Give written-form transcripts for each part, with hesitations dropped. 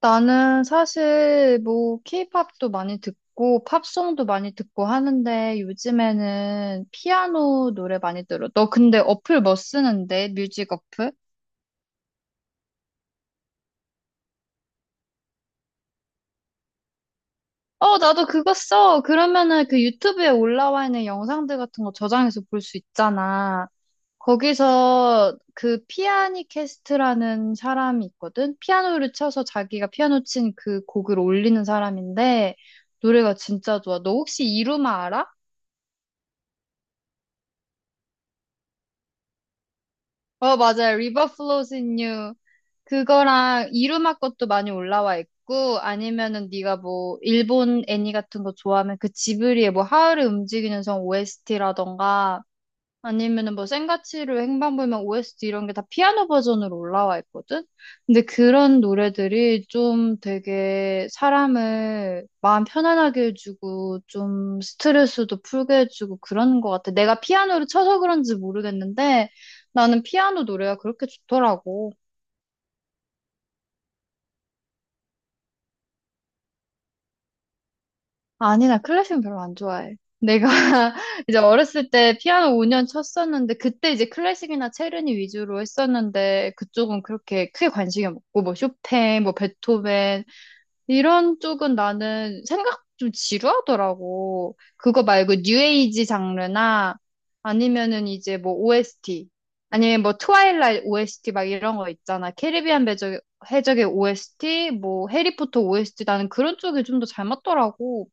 나는 사실 뭐 케이팝도 많이 듣고 팝송도 많이 듣고 하는데 요즘에는 피아노 노래 많이 들어. 너 근데 어플 뭐 쓰는데? 뮤직 어플? 어, 나도 그거 써. 그러면은 그 유튜브에 올라와 있는 영상들 같은 거 저장해서 볼 수 있잖아. 거기서 그 피아니캐스트라는 사람이 있거든? 피아노를 쳐서 자기가 피아노 친 그 곡을 올리는 사람인데 노래가 진짜 좋아. 너 혹시 이루마 알아? 어, 맞아요. River Flows in You. 그거랑 이루마 것도 많이 올라와 있고, 아니면은 네가 뭐, 일본 애니 같은 거 좋아하면 그 지브리의 뭐, 하울의 움직이는 성 OST라던가, 아니면은 뭐 생가치로 행방불명 OST 이런 게 다 피아노 버전으로 올라와 있거든? 근데 그런 노래들이 좀 되게 사람을 마음 편안하게 해주고 좀 스트레스도 풀게 해주고 그러는 것 같아. 내가 피아노를 쳐서 그런지 모르겠는데 나는 피아노 노래가 그렇게 좋더라고. 아니, 나 클래식은 별로 안 좋아해. 내가 이제 어렸을 때 피아노 5년 쳤었는데, 그때 이제 클래식이나 체르니 위주로 했었는데, 그쪽은 그렇게 크게 관심이 없고, 뭐 쇼팽, 뭐 베토벤, 이런 쪽은 나는 생각 좀 지루하더라고. 그거 말고 뉴에이지 장르나, 아니면은 이제 뭐 OST, 아니면 뭐 트와일라이트 OST 막 이런 거 있잖아. 캐리비안 배적 해적의 OST, 뭐 해리포터 OST, 나는 그런 쪽이 좀 더 잘 맞더라고.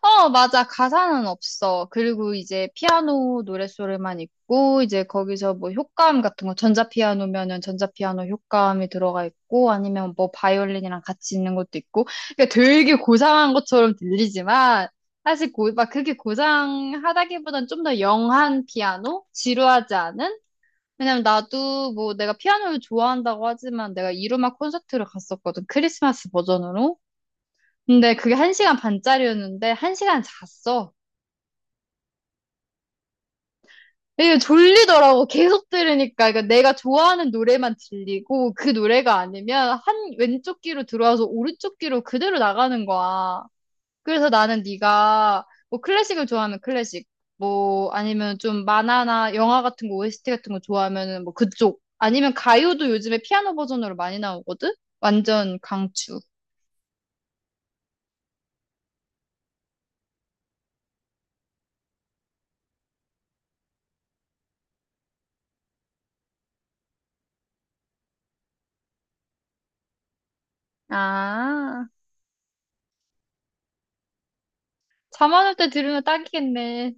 어, 맞아. 가사는 없어. 그리고 이제 피아노 노랫소리만 있고, 이제 거기서 뭐 효과음 같은 거, 전자피아노면은 전자피아노 효과음이 들어가 있고, 아니면 뭐 바이올린이랑 같이 있는 것도 있고, 그러니까 되게 고상한 것처럼 들리지만, 사실 막 그렇게 고상하다기보단 좀 더 영한 피아노? 지루하지 않은? 왜냐면 나도 뭐 내가 피아노를 좋아한다고 하지만 내가 이루마 콘서트를 갔었거든. 크리스마스 버전으로. 근데 그게 한시간 반짜리였는데 한시간 잤어. 이게 졸리더라고. 계속 들으니까. 그러니까 내가 좋아하는 노래만 들리고 그 노래가 아니면 한 왼쪽 귀로 들어와서 오른쪽 귀로 그대로 나가는 거야. 그래서 나는 네가 뭐 클래식을 좋아하면 클래식, 뭐 아니면 좀 만화나 영화 같은 거 OST 같은 거 좋아하면은 뭐 그쪽. 아니면 가요도 요즘에 피아노 버전으로 많이 나오거든? 완전 강추. 아, 잠 안 올 때 들으면 딱이겠네.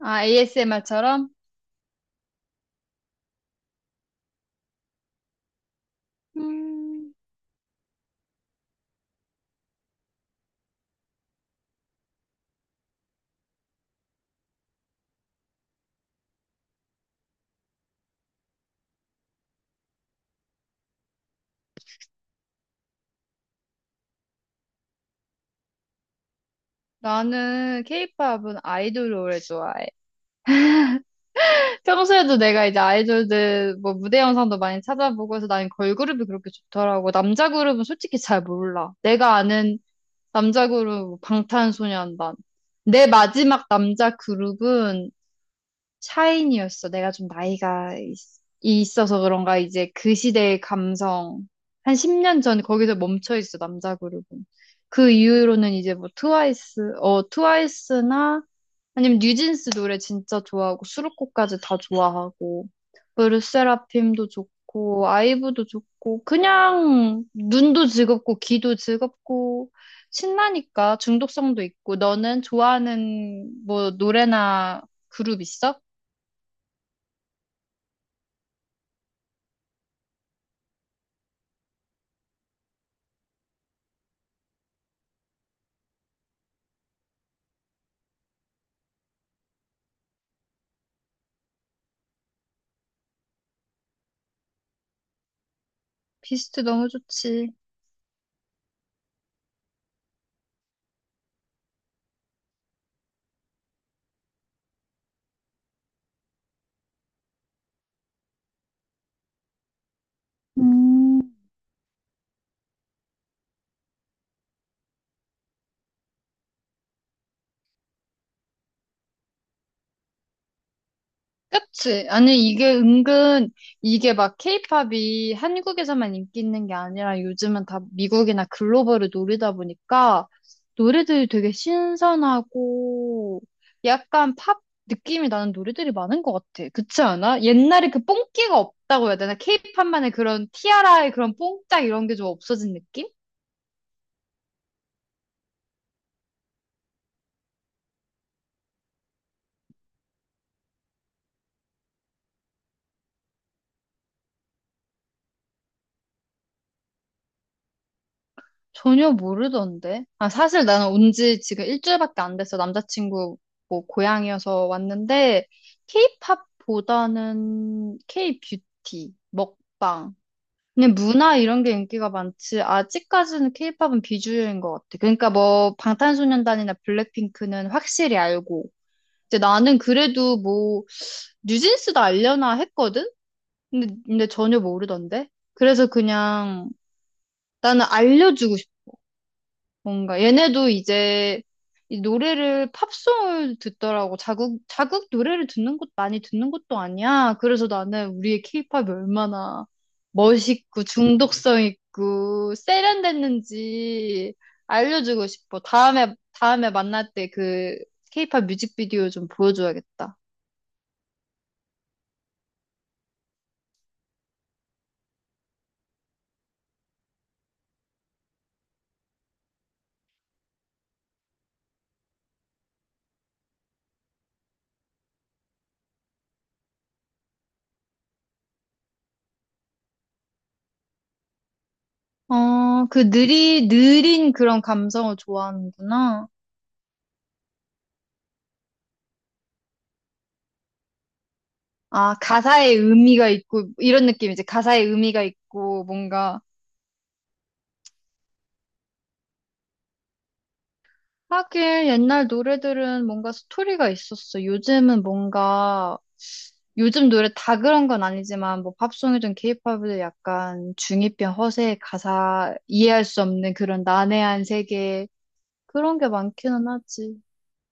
아, ASMR처럼? 나는 케이팝은 아이돌을 오래 좋아해. 평소에도 내가 이제 아이돌들 뭐 무대 영상도 많이 찾아보고 해서 나는 걸그룹이 그렇게 좋더라고. 남자 그룹은 솔직히 잘 몰라. 내가 아는 남자 그룹 뭐 방탄소년단. 내 마지막 남자 그룹은 샤이니였어. 내가 좀 나이가 있어서 그런가 이제 그 시대의 감성. 한 10년 전 거기서 멈춰 있어, 남자 그룹은. 그 이후로는 이제 뭐 트와이스, 어, 트와이스나 아니면 뉴진스 노래 진짜 좋아하고 수록곡까지 다 좋아하고 르세라핌도 좋고 아이브도 좋고 그냥 눈도 즐겁고 귀도 즐겁고 신나니까 중독성도 있고 너는 좋아하는 뭐 노래나 그룹 있어? 비스트 너무 좋지. 음. 그치? 아니, 이게 은근, 이게 막 케이팝이 한국에서만 인기 있는 게 아니라 요즘은 다 미국이나 글로벌을 노리다 보니까 노래들이 되게 신선하고 약간 팝 느낌이 나는 노래들이 많은 것 같아. 그치 않아? 옛날에 그 뽕끼가 없다고 해야 되나? 케이팝만의 그런 티아라의 그런 뽕짝 이런 게 좀 없어진 느낌? 전혀 모르던데. 아, 사실 나는 온지 지금 일주일밖에 안 됐어. 남자친구 뭐 고향이어서 왔는데, 케이팝보다는 케이뷰티, 먹방. 그냥 문화 이런 게 인기가 많지. 아직까지는 케이팝은 비주류인 것 같아. 그러니까 뭐 방탄소년단이나 블랙핑크는 확실히 알고. 이제 나는 그래도 뭐 뉴진스도 알려나 했거든? 근데 전혀 모르던데. 그래서 그냥 나는 알려주고 싶어. 뭔가 얘네도 이제 이 노래를 팝송을 듣더라고. 자국 노래를 듣는 것 많이 듣는 것도 아니야. 그래서 나는 우리의 케이팝이 얼마나 멋있고 중독성 있고 세련됐는지 알려주고 싶어. 다음에 만날 때 그 케이팝 뮤직비디오 좀 보여줘야겠다. 어, 그 느리 느린 그런 감성을 좋아하는구나. 아, 가사에 의미가 있고 이런 느낌이지. 가사에 의미가 있고 뭔가 하긴 옛날 노래들은 뭔가 스토리가 있었어. 요즘은 뭔가 요즘 노래 다 그런 건 아니지만 뭐 팝송이든 케이팝이든 약간 중이병 허세 가사 이해할 수 없는 그런 난해한 세계 그런 게 많기는 하지.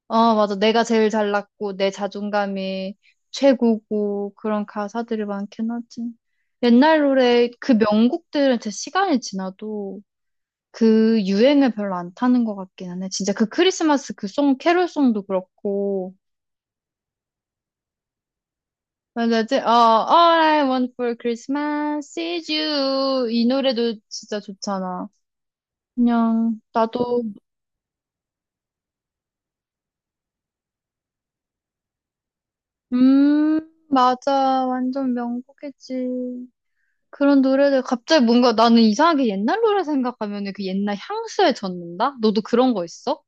어, 맞아. 내가 제일 잘났고 내 자존감이 최고고 그런 가사들이 많긴 하지. 옛날 노래 그 명곡들은 진짜 시간이 지나도 그 유행을 별로 안 타는 것 같기는 해. 진짜 그 크리스마스 그 송, 캐롤송도 그렇고. 맞아지? 어, All I want for Christmas is you. 이 노래도 진짜 좋잖아. 그냥, 나도, 음, 맞아. 완전 명곡이지. 그런 노래들, 갑자기 뭔가 나는 이상하게 옛날 노래 생각하면 그 옛날 향수에 젖는다? 너도 그런 거 있어?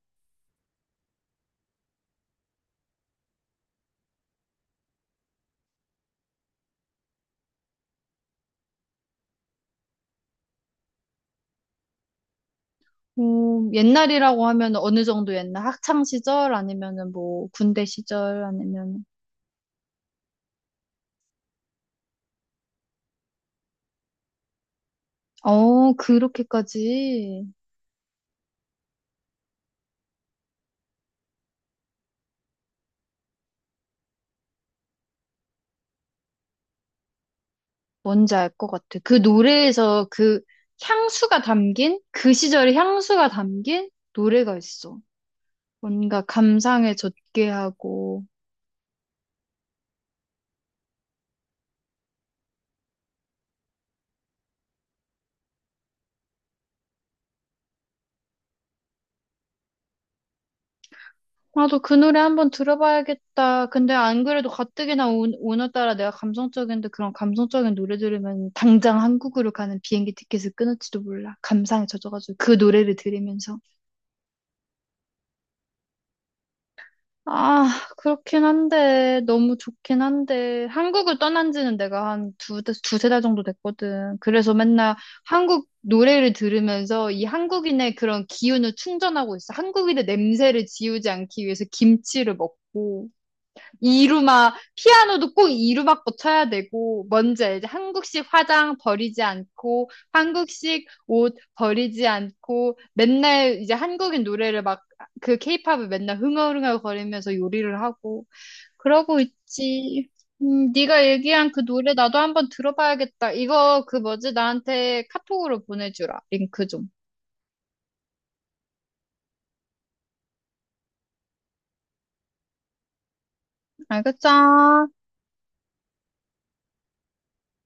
뭐, 옛날이라고 하면 어느 정도 옛날 학창 시절 아니면은 뭐 군대 시절 아니면 어, 그렇게까지 뭔지 알 것 같아. 그 노래에서 그 향수가 담긴, 그 시절의 향수가 담긴 노래가 있어. 뭔가 감상에 젖게 하고. 나도 그 노래 한번 들어봐야겠다. 근데 안 그래도 가뜩이나 오늘따라 내가 감성적인데 그런 감성적인 노래 들으면 당장 한국으로 가는 비행기 티켓을 끊을지도 몰라. 감상에 젖어가지고 그 노래를 들으면서. 아, 그렇긴 한데, 너무 좋긴 한데, 한국을 떠난 지는 내가 한 두세 달 정도 됐거든. 그래서 맨날 한국 노래를 들으면서 이 한국인의 그런 기운을 충전하고 있어. 한국인의 냄새를 지우지 않기 위해서 김치를 먹고, 이루마, 피아노도 꼭 이루막고 쳐야 되고, 먼저 이제 한국식 화장 버리지 않고, 한국식 옷 버리지 않고, 맨날 이제 한국인 노래를 막, 그 케이팝을 맨날 흥얼흥얼 거리면서 요리를 하고, 그러고 있지. 네가 얘기한 그 노래 나도 한번 들어봐야겠다. 이거 그 뭐지? 나한테 카톡으로 보내주라. 링크 좀. 알겠죠?